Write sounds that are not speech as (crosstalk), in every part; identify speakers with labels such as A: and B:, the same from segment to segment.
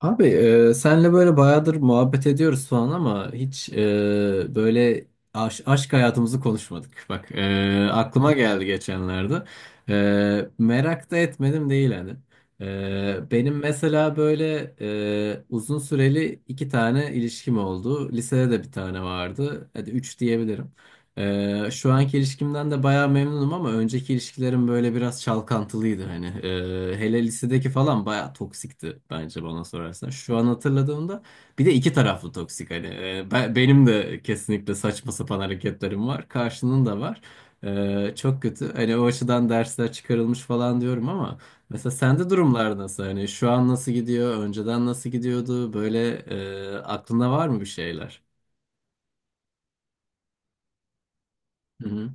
A: Abi, senle böyle bayağıdır muhabbet ediyoruz falan ama hiç böyle aşk hayatımızı konuşmadık. Bak, aklıma geldi geçenlerde. Merak da etmedim değil hani. Benim mesela böyle uzun süreli iki tane ilişkim oldu. Lisede de bir tane vardı. Hadi üç diyebilirim. Şu anki ilişkimden de bayağı memnunum ama önceki ilişkilerim böyle biraz çalkantılıydı hani. Hele lisedeki falan bayağı toksikti bence bana sorarsan. Şu an hatırladığımda bir de iki taraflı toksik hani. Benim de kesinlikle saçma sapan hareketlerim var. Karşının da var. Çok kötü. Hani o açıdan dersler çıkarılmış falan diyorum ama mesela sende durumlar nasıl? Hani şu an nasıl gidiyor? Önceden nasıl gidiyordu? Böyle aklında var mı bir şeyler? Hı hı.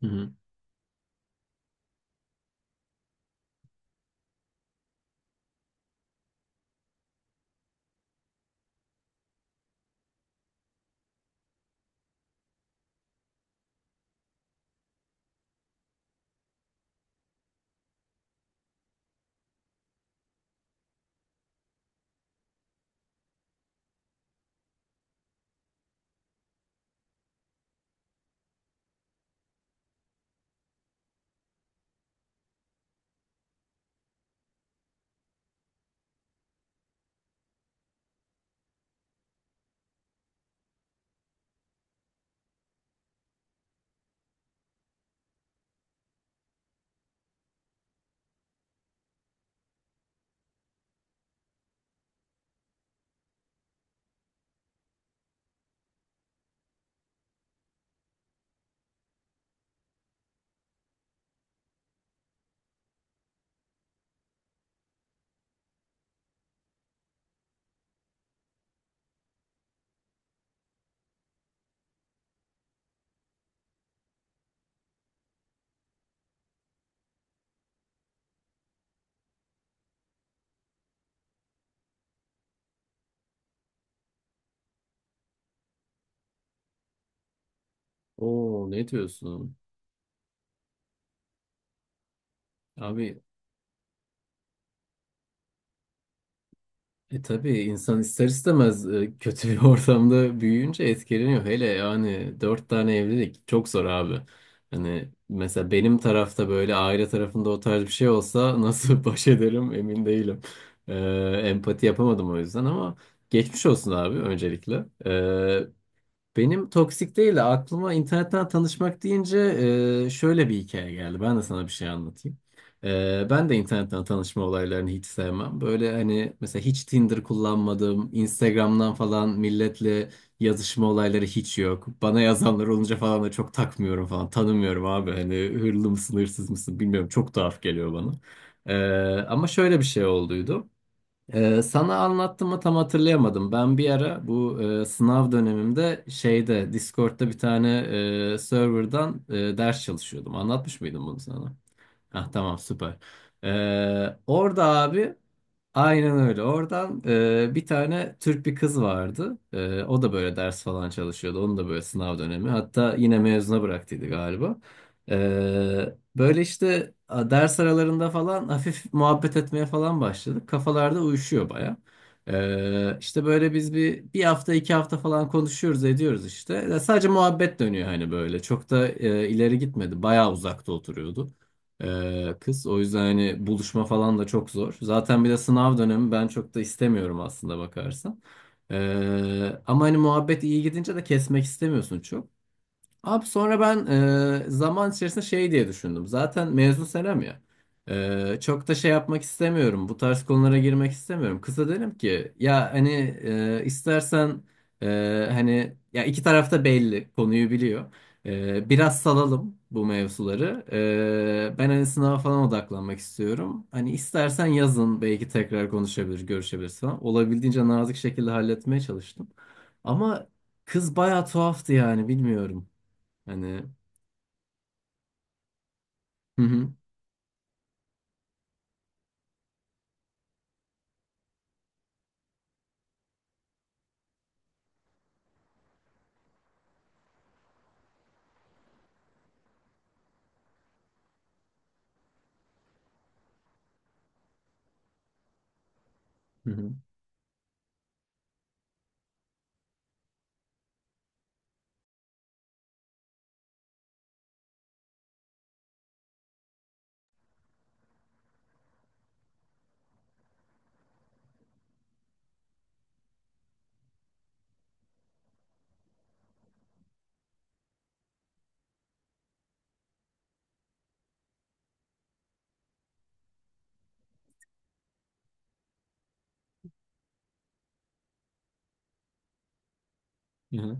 A: Hı hı. Oo, ne diyorsun? Abi, tabii insan ister istemez kötü bir (laughs) ortamda büyüyünce etkileniyor. Hele yani dört tane evlilik çok zor abi. Hani mesela benim tarafta böyle aile tarafında o tarz bir şey olsa nasıl (laughs) baş ederim emin değilim. E, Empati yapamadım o yüzden ama geçmiş olsun abi öncelikle. Benim toksik değil de aklıma internetten tanışmak deyince şöyle bir hikaye geldi. Ben de sana bir şey anlatayım. Ben de internetten tanışma olaylarını hiç sevmem. Böyle hani mesela hiç Tinder kullanmadım. Instagram'dan falan milletle yazışma olayları hiç yok. Bana yazanlar olunca falan da çok takmıyorum falan. Tanımıyorum abi, hani hırlı mısın hırsız mısın bilmiyorum. Çok tuhaf geliyor bana. E, Ama şöyle bir şey olduydu. Sana anlattım mı tam hatırlayamadım. Ben bir ara bu sınav dönemimde şeyde Discord'da bir tane serverdan ders çalışıyordum. Anlatmış mıydım bunu sana? Ah, tamam, süper. Orada abi aynen öyle. Oradan bir tane Türk bir kız vardı. O da böyle ders falan çalışıyordu. Onun da böyle sınav dönemi. Hatta yine mezuna bıraktıydı galiba. Böyle işte, ders aralarında falan hafif muhabbet etmeye falan başladık. Kafalarda uyuşuyor baya. İşte böyle biz bir hafta iki hafta falan konuşuyoruz ediyoruz işte. Ya sadece muhabbet dönüyor hani böyle. Çok da ileri gitmedi. Baya uzakta oturuyordu. Kız. O yüzden hani buluşma falan da çok zor. Zaten bir de sınav dönemi ben çok da istemiyorum aslında bakarsan. Ama hani muhabbet iyi gidince de kesmek istemiyorsun çok. Abi sonra ben zaman içerisinde şey diye düşündüm. Zaten mezun senem ya. Çok da şey yapmak istemiyorum. Bu tarz konulara girmek istemiyorum. Kıza dedim ki ya hani istersen hani ya iki tarafta belli konuyu biliyor. Biraz salalım bu mevzuları. Ben hani sınava falan odaklanmak istiyorum. Hani istersen yazın belki tekrar konuşabilir, görüşebiliriz falan. Olabildiğince nazik şekilde halletmeye çalıştım. Ama kız bayağı tuhaftı yani bilmiyorum. Hani, hı hı, hı hı, hı hı,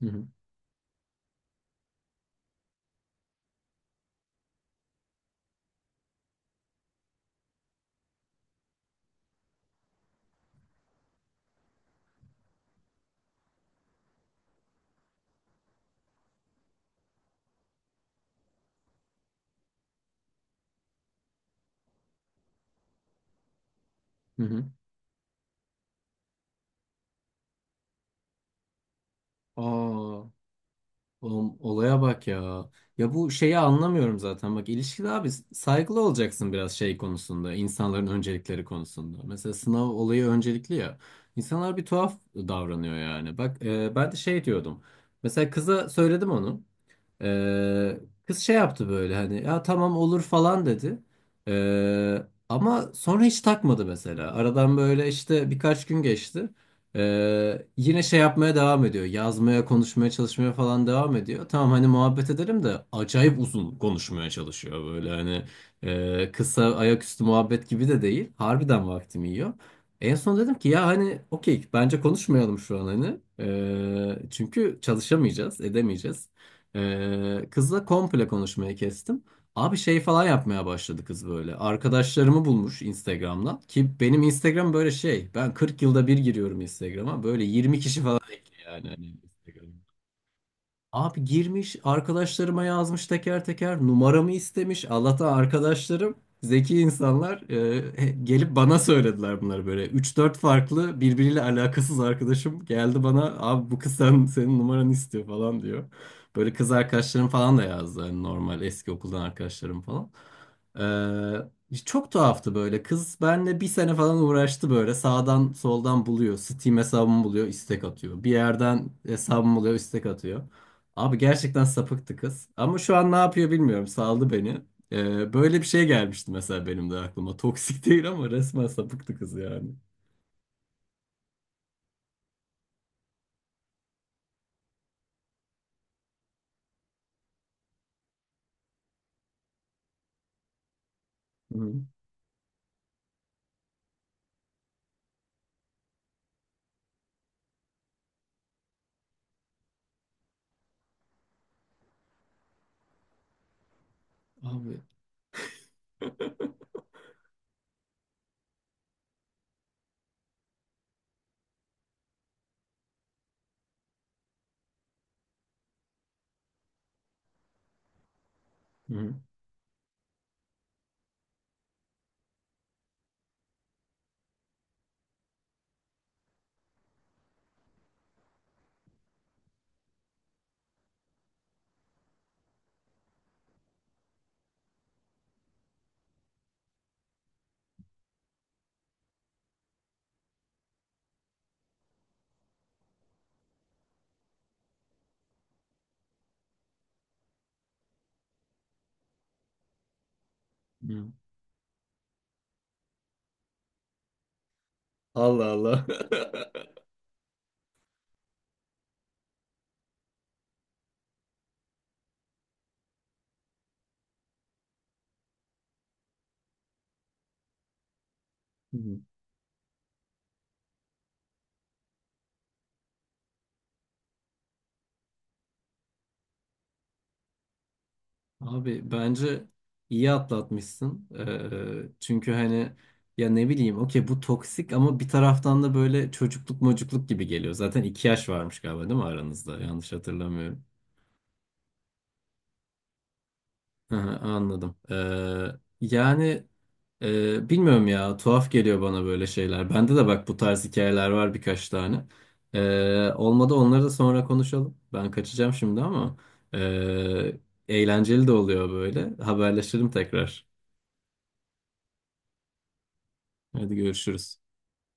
A: hı hı. Hı hı. Aa, oğlum, olaya bak ya. Ya bu şeyi anlamıyorum zaten. Bak, ilişkide abi saygılı olacaksın biraz şey konusunda, insanların öncelikleri konusunda. Mesela sınav olayı öncelikli ya. İnsanlar bir tuhaf davranıyor yani. Bak, ben de şey diyordum. Mesela kıza söyledim onu. Ee, Kız şey yaptı böyle hani ya tamam olur falan dedi. Ee, Ama sonra hiç takmadı mesela. Aradan böyle işte birkaç gün geçti. Yine şey yapmaya devam ediyor. Yazmaya, konuşmaya, çalışmaya falan devam ediyor. Tamam hani muhabbet edelim de acayip uzun konuşmaya çalışıyor böyle hani kısa ayaküstü muhabbet gibi de değil. Harbiden vaktimi yiyor. En son dedim ki ya hani okey bence konuşmayalım şu an hani. Çünkü çalışamayacağız, edemeyeceğiz. Kızla komple konuşmayı kestim. Abi şey falan yapmaya başladı kız böyle. Arkadaşlarımı bulmuş Instagram'dan. Ki benim Instagram böyle şey. Ben 40 yılda bir giriyorum Instagram'a. Böyle 20 kişi falan ekli yani. Hani Instagram'a. Abi girmiş arkadaşlarıma yazmış teker teker numaramı istemiş. Allah'tan arkadaşlarım zeki insanlar, gelip bana söylediler bunları böyle. Üç dört farklı birbiriyle alakasız arkadaşım geldi bana abi bu kız senin numaranı istiyor falan diyor. Böyle kız arkadaşlarım falan da yazdı hani normal eski okuldan arkadaşlarım falan. Çok tuhaftı böyle, kız benle bir sene falan uğraştı böyle sağdan soldan buluyor. Steam hesabımı buluyor istek atıyor. Bir yerden hesabımı buluyor istek atıyor. Abi gerçekten sapıktı kız. Ama şu an ne yapıyor bilmiyorum. Saldı beni. Böyle bir şey gelmişti mesela benim de aklıma. Toksik (laughs) değil ama resmen sapıktı kız yani. Hı. Abi. Hı. Hı. Allah Allah. (laughs) Hı. Abi bence iyi atlatmışsın. Çünkü hani ya ne bileyim okey bu toksik ama bir taraftan da böyle çocukluk mocukluk gibi geliyor. Zaten iki yaş varmış galiba değil mi aranızda? Yanlış hatırlamıyorum. Hı hı, anladım. Yani bilmiyorum ya, tuhaf geliyor bana böyle şeyler. Bende de bak bu tarz hikayeler var birkaç tane. Olmadı onları da sonra konuşalım. Ben kaçacağım şimdi ama e, eğlenceli de oluyor böyle. Haberleşelim tekrar. Hadi görüşürüz.